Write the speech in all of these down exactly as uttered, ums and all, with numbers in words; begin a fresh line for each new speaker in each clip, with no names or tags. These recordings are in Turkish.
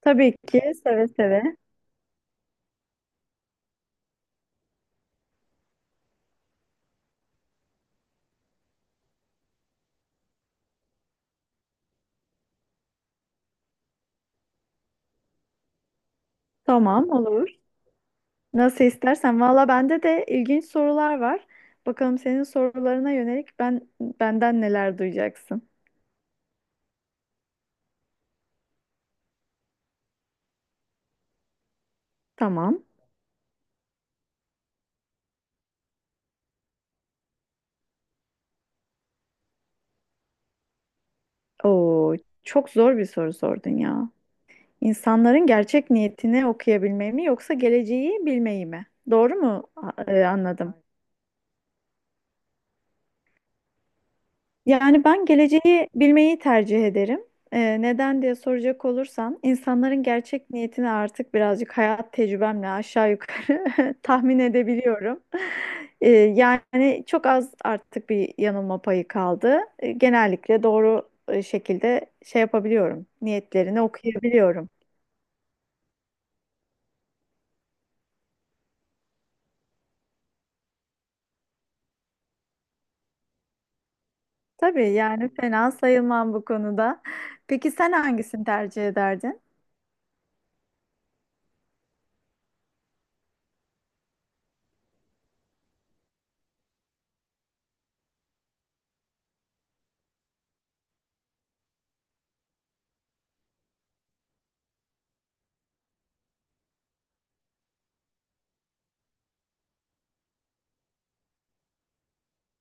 Tabii ki seve seve. Tamam, olur. Nasıl istersen. Valla bende de ilginç sorular var. Bakalım senin sorularına yönelik ben benden neler duyacaksın. Tamam. Oo, çok zor bir soru sordun ya. İnsanların gerçek niyetini okuyabilmeyi mi yoksa geleceği bilmeyi mi? Doğru mu a- e, anladım? Yani ben geleceği bilmeyi tercih ederim. Ee, neden diye soracak olursan, insanların gerçek niyetini artık birazcık hayat tecrübemle aşağı yukarı tahmin edebiliyorum. Ee, yani çok az artık bir yanılma payı kaldı. Ee, genellikle doğru e, şekilde şey yapabiliyorum, niyetlerini okuyabiliyorum. Tabii, yani fena sayılmam bu konuda. Peki sen hangisini tercih ederdin?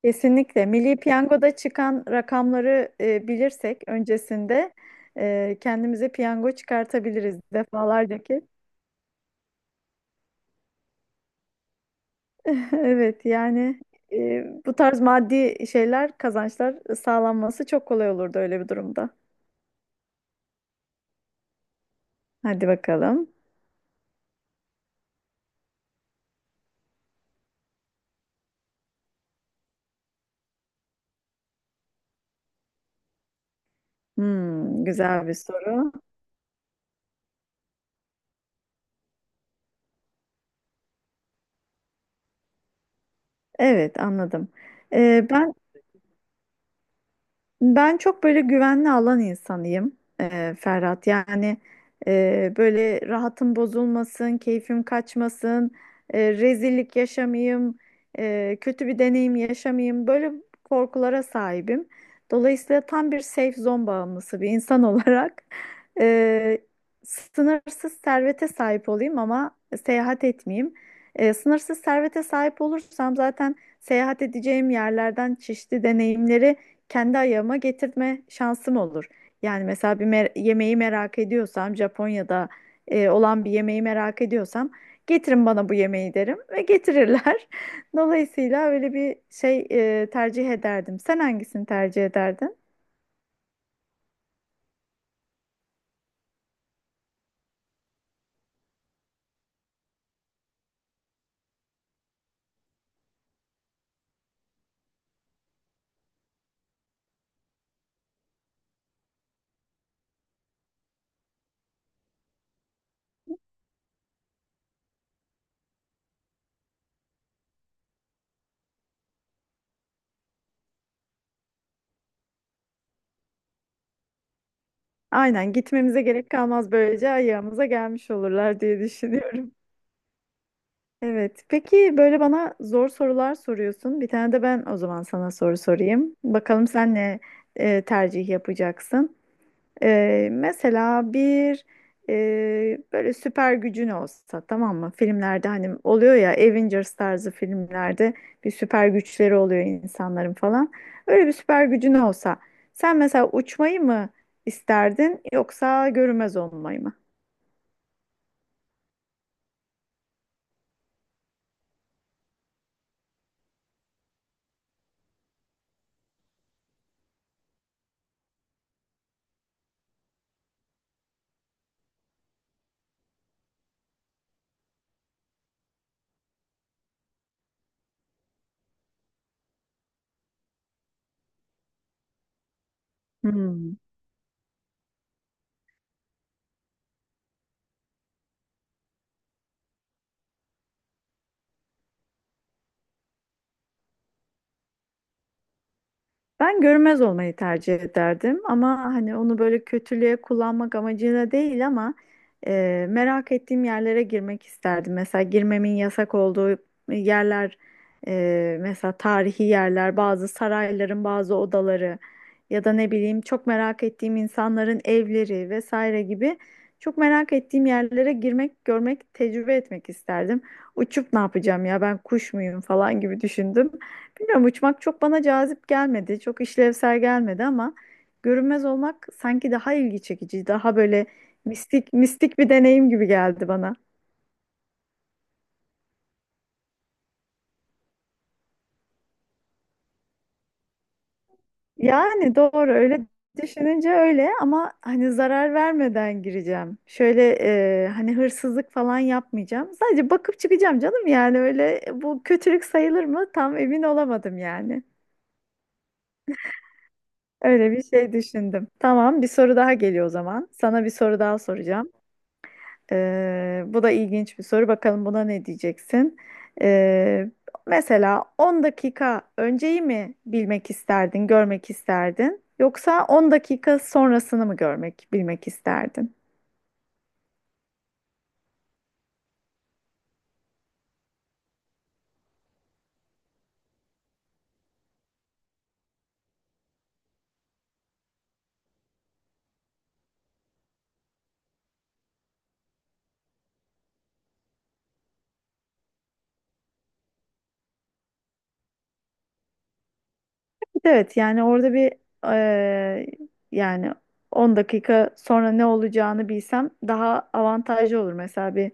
Kesinlikle. Milli Piyango'da çıkan rakamları e, bilirsek öncesinde e, kendimize piyango çıkartabiliriz defalarca ki. Evet, yani e, bu tarz maddi şeyler, kazançlar sağlanması çok kolay olurdu öyle bir durumda. Hadi bakalım. Hmm, güzel bir soru. Evet, anladım. E, ben Ben çok böyle güvenli alan insanıyım, e, Ferhat. Yani e, böyle rahatım bozulmasın, keyfim kaçmasın, e, rezillik yaşamayayım, e, kötü bir deneyim yaşamayayım. Böyle korkulara sahibim. Dolayısıyla tam bir safe zone bağımlısı bir insan olarak e, sınırsız servete sahip olayım ama seyahat etmeyeyim. E, sınırsız servete sahip olursam zaten seyahat edeceğim yerlerden çeşitli deneyimleri kendi ayağıma getirme şansım olur. Yani mesela bir mer- yemeği merak ediyorsam Japonya'da e, olan bir yemeği merak ediyorsam getirin bana bu yemeği derim ve getirirler. Dolayısıyla öyle bir şey e, tercih ederdim. Sen hangisini tercih ederdin? Aynen, gitmemize gerek kalmaz, böylece ayağımıza gelmiş olurlar diye düşünüyorum. Evet. Peki, böyle bana zor sorular soruyorsun. Bir tane de ben o zaman sana soru sorayım. Bakalım sen ne e, tercih yapacaksın? Ee, mesela bir e, böyle süper gücün olsa, tamam mı? Filmlerde hani oluyor ya, Avengers tarzı filmlerde bir süper güçleri oluyor insanların falan. Öyle bir süper gücün olsa sen mesela uçmayı mı isterdin yoksa görünmez olmayı mı? Hmm. Ben görünmez olmayı tercih ederdim ama hani onu böyle kötülüğe kullanmak amacıyla değil ama e, merak ettiğim yerlere girmek isterdim. Mesela girmemin yasak olduğu yerler, e, mesela tarihi yerler, bazı sarayların bazı odaları ya da ne bileyim çok merak ettiğim insanların evleri vesaire gibi çok merak ettiğim yerlere girmek, görmek, tecrübe etmek isterdim. Uçup ne yapacağım ya, ben kuş muyum falan gibi düşündüm. Bilmiyorum, uçmak çok bana cazip gelmedi. Çok işlevsel gelmedi ama görünmez olmak sanki daha ilgi çekici, daha böyle mistik mistik bir deneyim gibi geldi bana. Yani doğru, öyle düşününce öyle ama hani zarar vermeden gireceğim. Şöyle e, hani hırsızlık falan yapmayacağım. Sadece bakıp çıkacağım canım, yani öyle bu kötülük sayılır mı? Tam emin olamadım yani. Öyle bir şey düşündüm. Tamam, bir soru daha geliyor o zaman. Sana bir soru daha soracağım. Ee, bu da ilginç bir soru. Bakalım buna ne diyeceksin? Ee, Mesela on dakika önceyi mi bilmek isterdin, görmek isterdin? Yoksa on dakika sonrasını mı görmek, bilmek isterdin? Evet, yani orada bir eee, yani on dakika sonra ne olacağını bilsem daha avantajlı olur. Mesela bir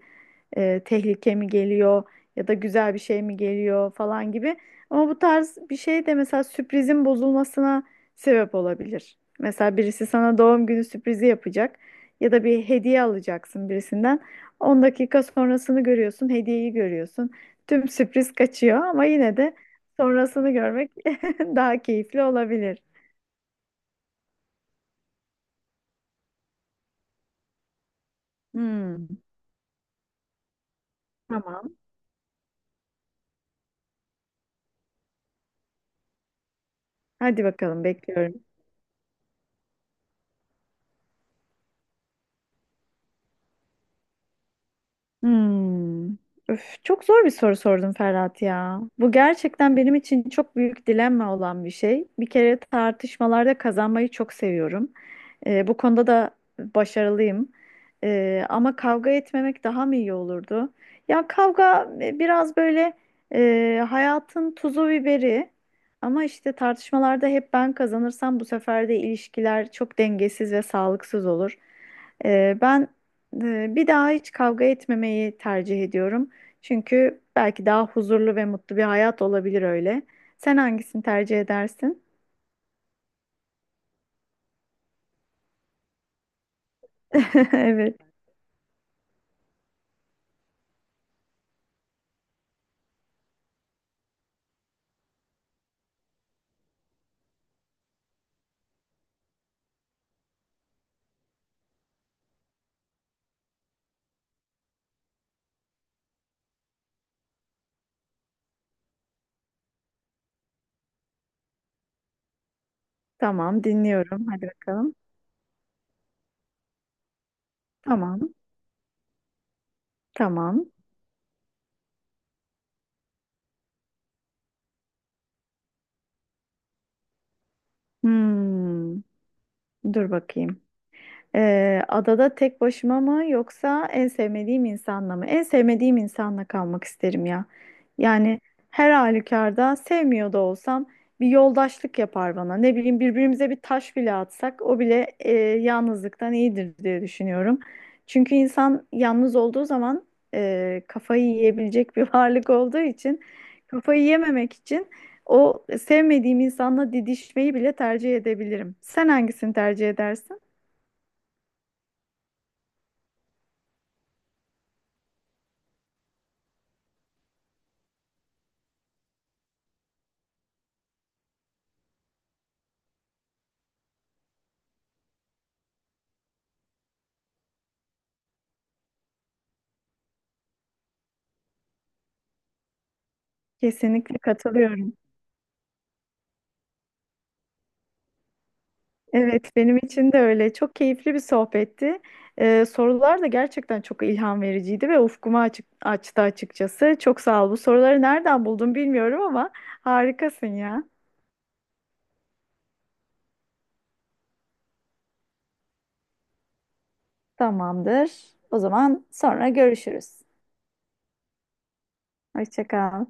e, tehlike mi geliyor ya da güzel bir şey mi geliyor falan gibi. Ama bu tarz bir şey de mesela sürprizin bozulmasına sebep olabilir. Mesela birisi sana doğum günü sürprizi yapacak ya da bir hediye alacaksın birisinden. on dakika sonrasını görüyorsun, hediyeyi görüyorsun. Tüm sürpriz kaçıyor ama yine de sonrasını görmek daha keyifli olabilir. Hmm, tamam. Hadi bakalım, bekliyorum. Hmm. Öf, çok zor bir soru sordun Ferhat ya. Bu gerçekten benim için çok büyük dilemma olan bir şey. Bir kere tartışmalarda kazanmayı çok seviyorum. Ee, bu konuda da başarılıyım. Ee, ama kavga etmemek daha mı iyi olurdu? Ya kavga e, biraz böyle e, hayatın tuzu biberi. Ama işte tartışmalarda hep ben kazanırsam bu sefer de ilişkiler çok dengesiz ve sağlıksız olur. Ee, ben ee, Bir daha hiç kavga etmemeyi tercih ediyorum. Çünkü belki daha huzurlu ve mutlu bir hayat olabilir öyle. Sen hangisini tercih edersin? Evet, tamam, dinliyorum. Hadi bakalım. Tamam, tamam. Hmm, dur bakayım. Ee, adada tek başıma mı yoksa en sevmediğim insanla mı? En sevmediğim insanla kalmak isterim ya. Yani her halükarda sevmiyor da olsam bir yoldaşlık yapar bana. Ne bileyim, birbirimize bir taş bile atsak o bile e, yalnızlıktan iyidir diye düşünüyorum. Çünkü insan yalnız olduğu zaman e, kafayı yiyebilecek bir varlık olduğu için kafayı yememek için o sevmediğim insanla didişmeyi bile tercih edebilirim. Sen hangisini tercih edersin? Kesinlikle katılıyorum. Evet, benim için de öyle. Çok keyifli bir sohbetti. Ee, sorular da gerçekten çok ilham vericiydi ve ufkumu açık, açtı açıkçası. Çok sağ ol. Bu soruları nereden buldun bilmiyorum ama harikasın ya. Tamamdır. O zaman sonra görüşürüz. Hoşça kal.